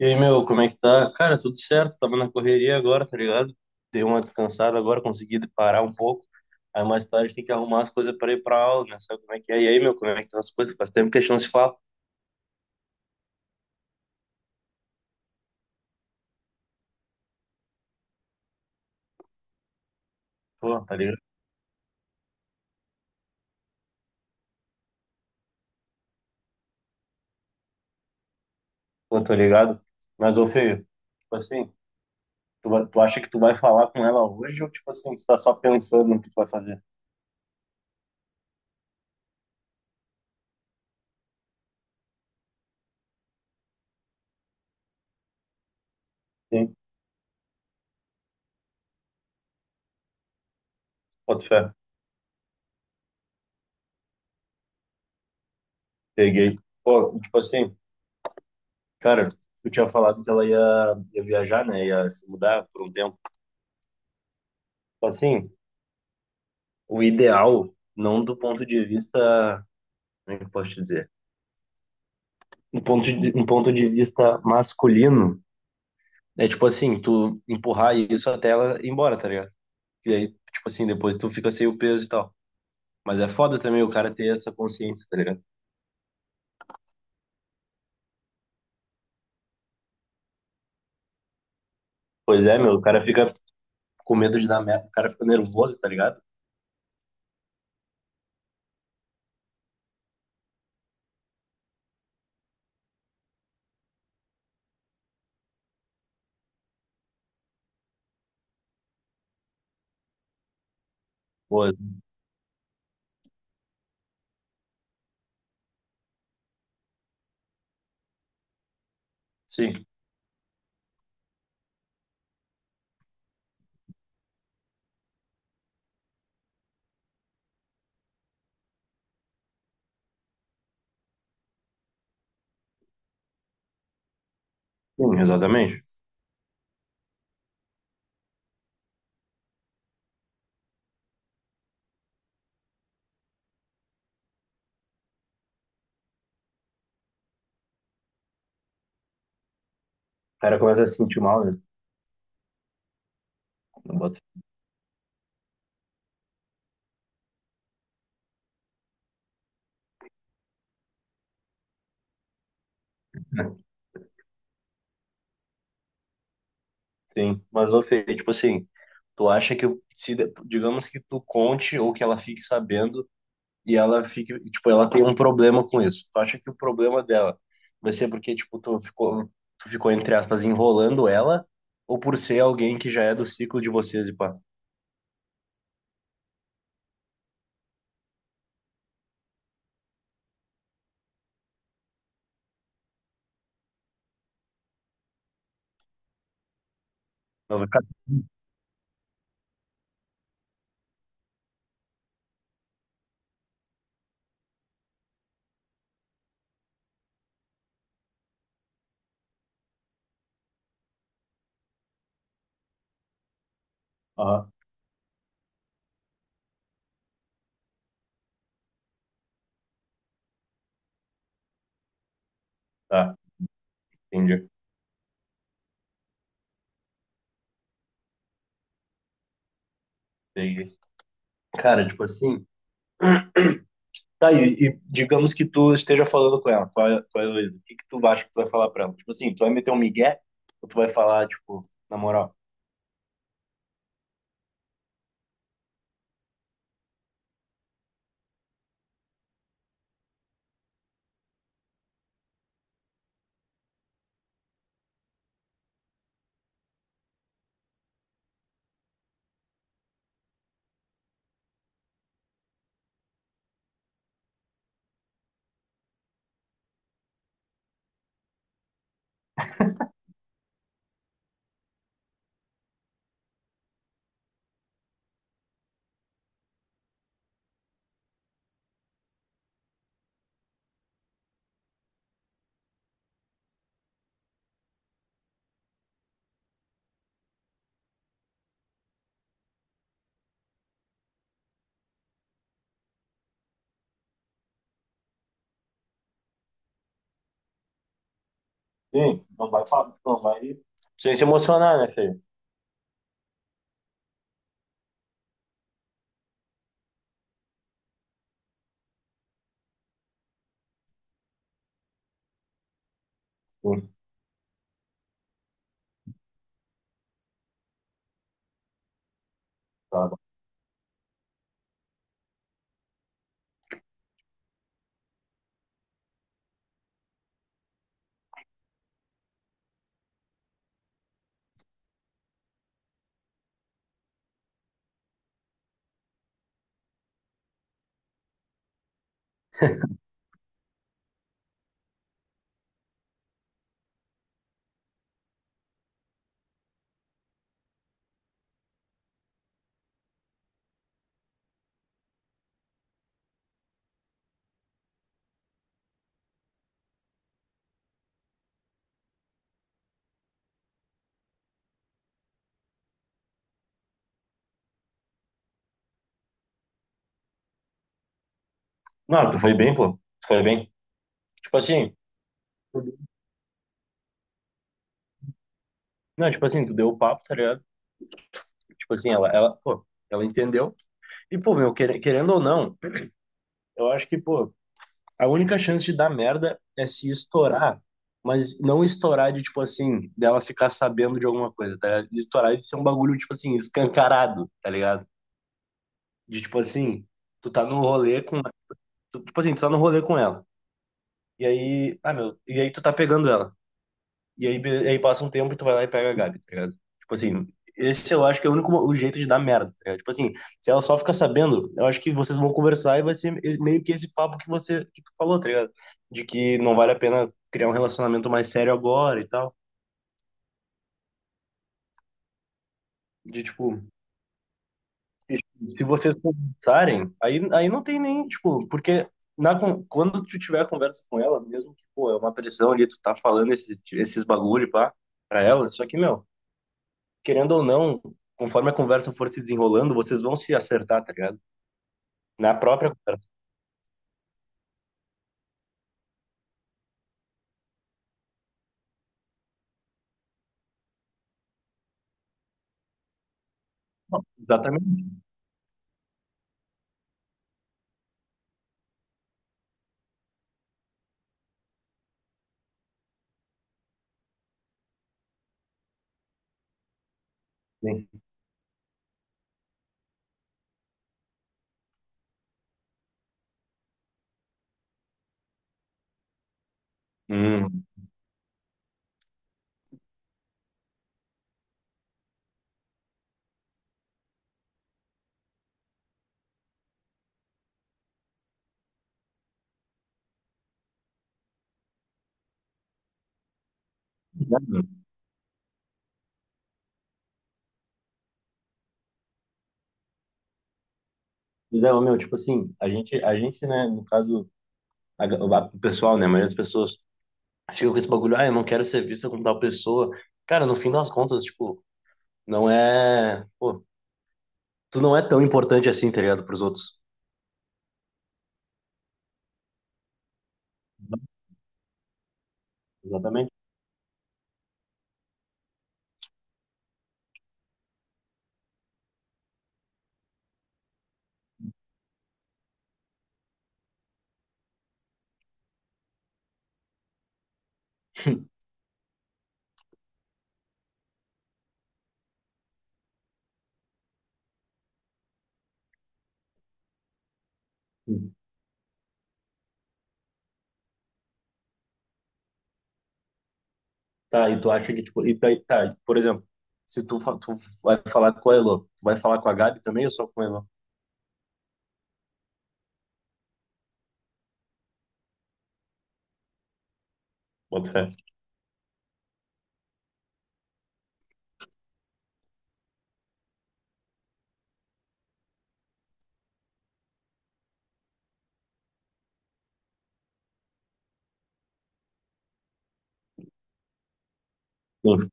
E aí, meu, como é que tá? Cara, tudo certo, tava na correria agora, tá ligado? Dei uma descansada agora, consegui parar um pouco. Aí mais tarde tem que arrumar as coisas pra ir pra aula, né? Sabe como é que é? E aí, meu, como é que estão as coisas? Faz tempo que a gente não se fala. Pô, tá ligado? Pô, tô ligado. Mas, ô, Feio, tipo assim, tu acha que tu vai falar com ela hoje ou, tipo assim, tu tá só pensando no que tu vai fazer? Sim, boto fé. Peguei. Pô, tipo assim, cara, eu tinha falado que ia viajar, né? Ia se mudar por um tempo. Tipo assim, o ideal, não do ponto de vista, como é que eu posso te dizer? Um ponto de vista masculino, é tipo assim, tu empurrar isso até ela ir embora, tá ligado? E aí, tipo assim, depois tu fica sem o peso e tal. Mas é foda também o cara ter essa consciência, tá ligado? Pois é, meu, o cara fica com medo de dar merda, o cara fica nervoso, tá ligado? Pô, sim, sim, exatamente. O cara começa a se sentir mal, né? Não bota- Sim, mas ô Fê, tipo assim, tu acha que se, digamos que tu conte ou que ela fique sabendo e ela fica, e, tipo, ela tem um problema com isso. Tu acha que o problema dela vai ser porque, tipo, tu ficou, entre aspas, enrolando ela, ou por ser alguém que já é do ciclo de vocês e pá? Ela vai ficar, ah, tá, entendi. Peguei. Cara, tipo assim, tá, e digamos que tu esteja falando com ela, tu é Luísa, o que que tu acha que tu vai falar pra ela? Tipo assim, tu vai meter um migué, ou tu vai falar, tipo, na moral, sim, não vai, sem se emocionar, né, feio? Sim, tá bom. Não, tu foi bem, pô, tu foi bem. Tipo assim, tu- não, tipo assim, tu deu o papo, tá ligado? Tipo assim, ela, pô, ela entendeu. E, pô, meu, querendo ou não, eu acho que, pô, a única chance de dar merda é se estourar, mas não estourar de, tipo assim, dela ficar sabendo de alguma coisa, tá ligado? De estourar de ser um bagulho, tipo assim, escancarado, tá ligado? De, tipo assim, tu tá no rolê com, tipo assim, tu tá no rolê com ela. E aí, ah, meu, e aí tu tá pegando ela. Aí passa um tempo e tu vai lá e pega a Gabi, tá ligado? Tipo assim, esse eu acho que é o único o jeito de dar merda, tá ligado? Tipo assim, se ela só ficar sabendo, eu acho que vocês vão conversar e vai ser meio que esse papo que você que tu falou, tá ligado? De que não vale a pena criar um relacionamento mais sério agora e tal. De tipo, e, tipo, se vocês conversarem, aí não tem nem, tipo, porque na, quando tu tiver a conversa com ela, mesmo que, pô, é uma pressão ali, tu tá falando esses bagulho, pá, pra ela, só que, meu. Querendo ou não, conforme a conversa for se desenrolando, vocês vão se acertar, tá ligado? Na própria conversa. Exatamente. Sim. Hum. Não, meu, tipo assim, a gente, né, no caso, a, o pessoal, né, a maioria das pessoas ficam com esse bagulho, ah, eu não quero ser vista como tal pessoa. Cara, no fim das contas, tipo, não é, pô, tu não é tão importante assim, tá ligado, pros outros. Exatamente. Tá, e tu acha que, tipo, e tá, por exemplo, se tu, tu vai falar com a Elo, tu vai falar com a Gabi também ou só com a Elo? Bota fé. Sim,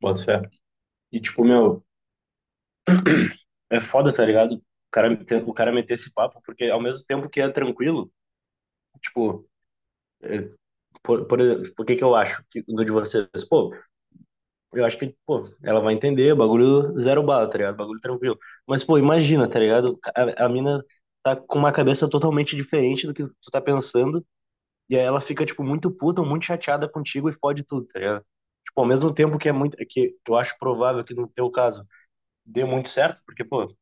boto fé. E tipo, meu, é foda, tá ligado? O cara, o cara meter esse papo, porque ao mesmo tempo que é tranquilo, tipo, é, exemplo, por que que eu acho que do de vocês? Pô, eu acho que, pô, ela vai entender, bagulho zero bala, tá ligado? Bagulho tranquilo. Mas, pô, imagina, tá ligado? A mina tá com uma cabeça totalmente diferente do que tu tá pensando, e aí ela fica, tipo, muito puta, muito chateada contigo e fode tudo, tá ligado? Tipo, ao mesmo tempo que é muito, que eu acho provável que no teu caso dê muito certo, porque, pô,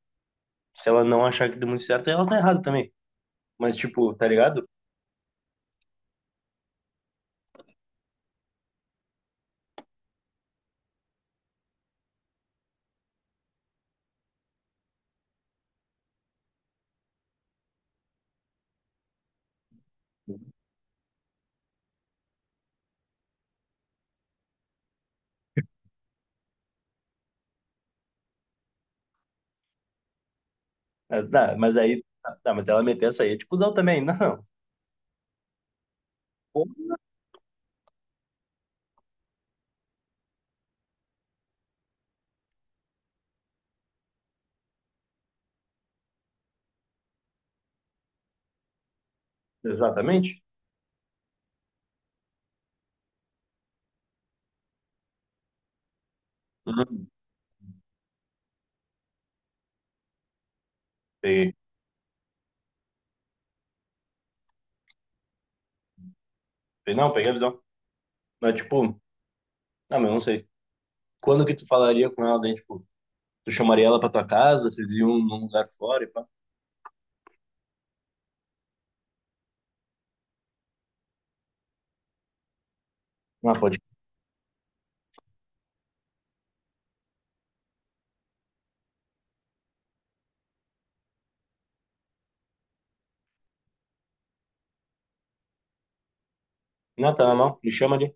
se ela não achar que deu muito certo, ela tá errada também. Mas, tipo, tá ligado? Ah, tá, mas aí, ah, tá, mas ela meteu essa aí, é tipo, usar também. Não, não. Pô, exatamente. Uhum. Peguei. Não, peguei a visão. Mas, tipo, não, mas eu não sei. Quando que tu falaria com ela, daí, tipo, tu chamaria ela pra tua casa, vocês iam num lugar fora e pá. Não, pode. Não, tá na mão, me chama ali.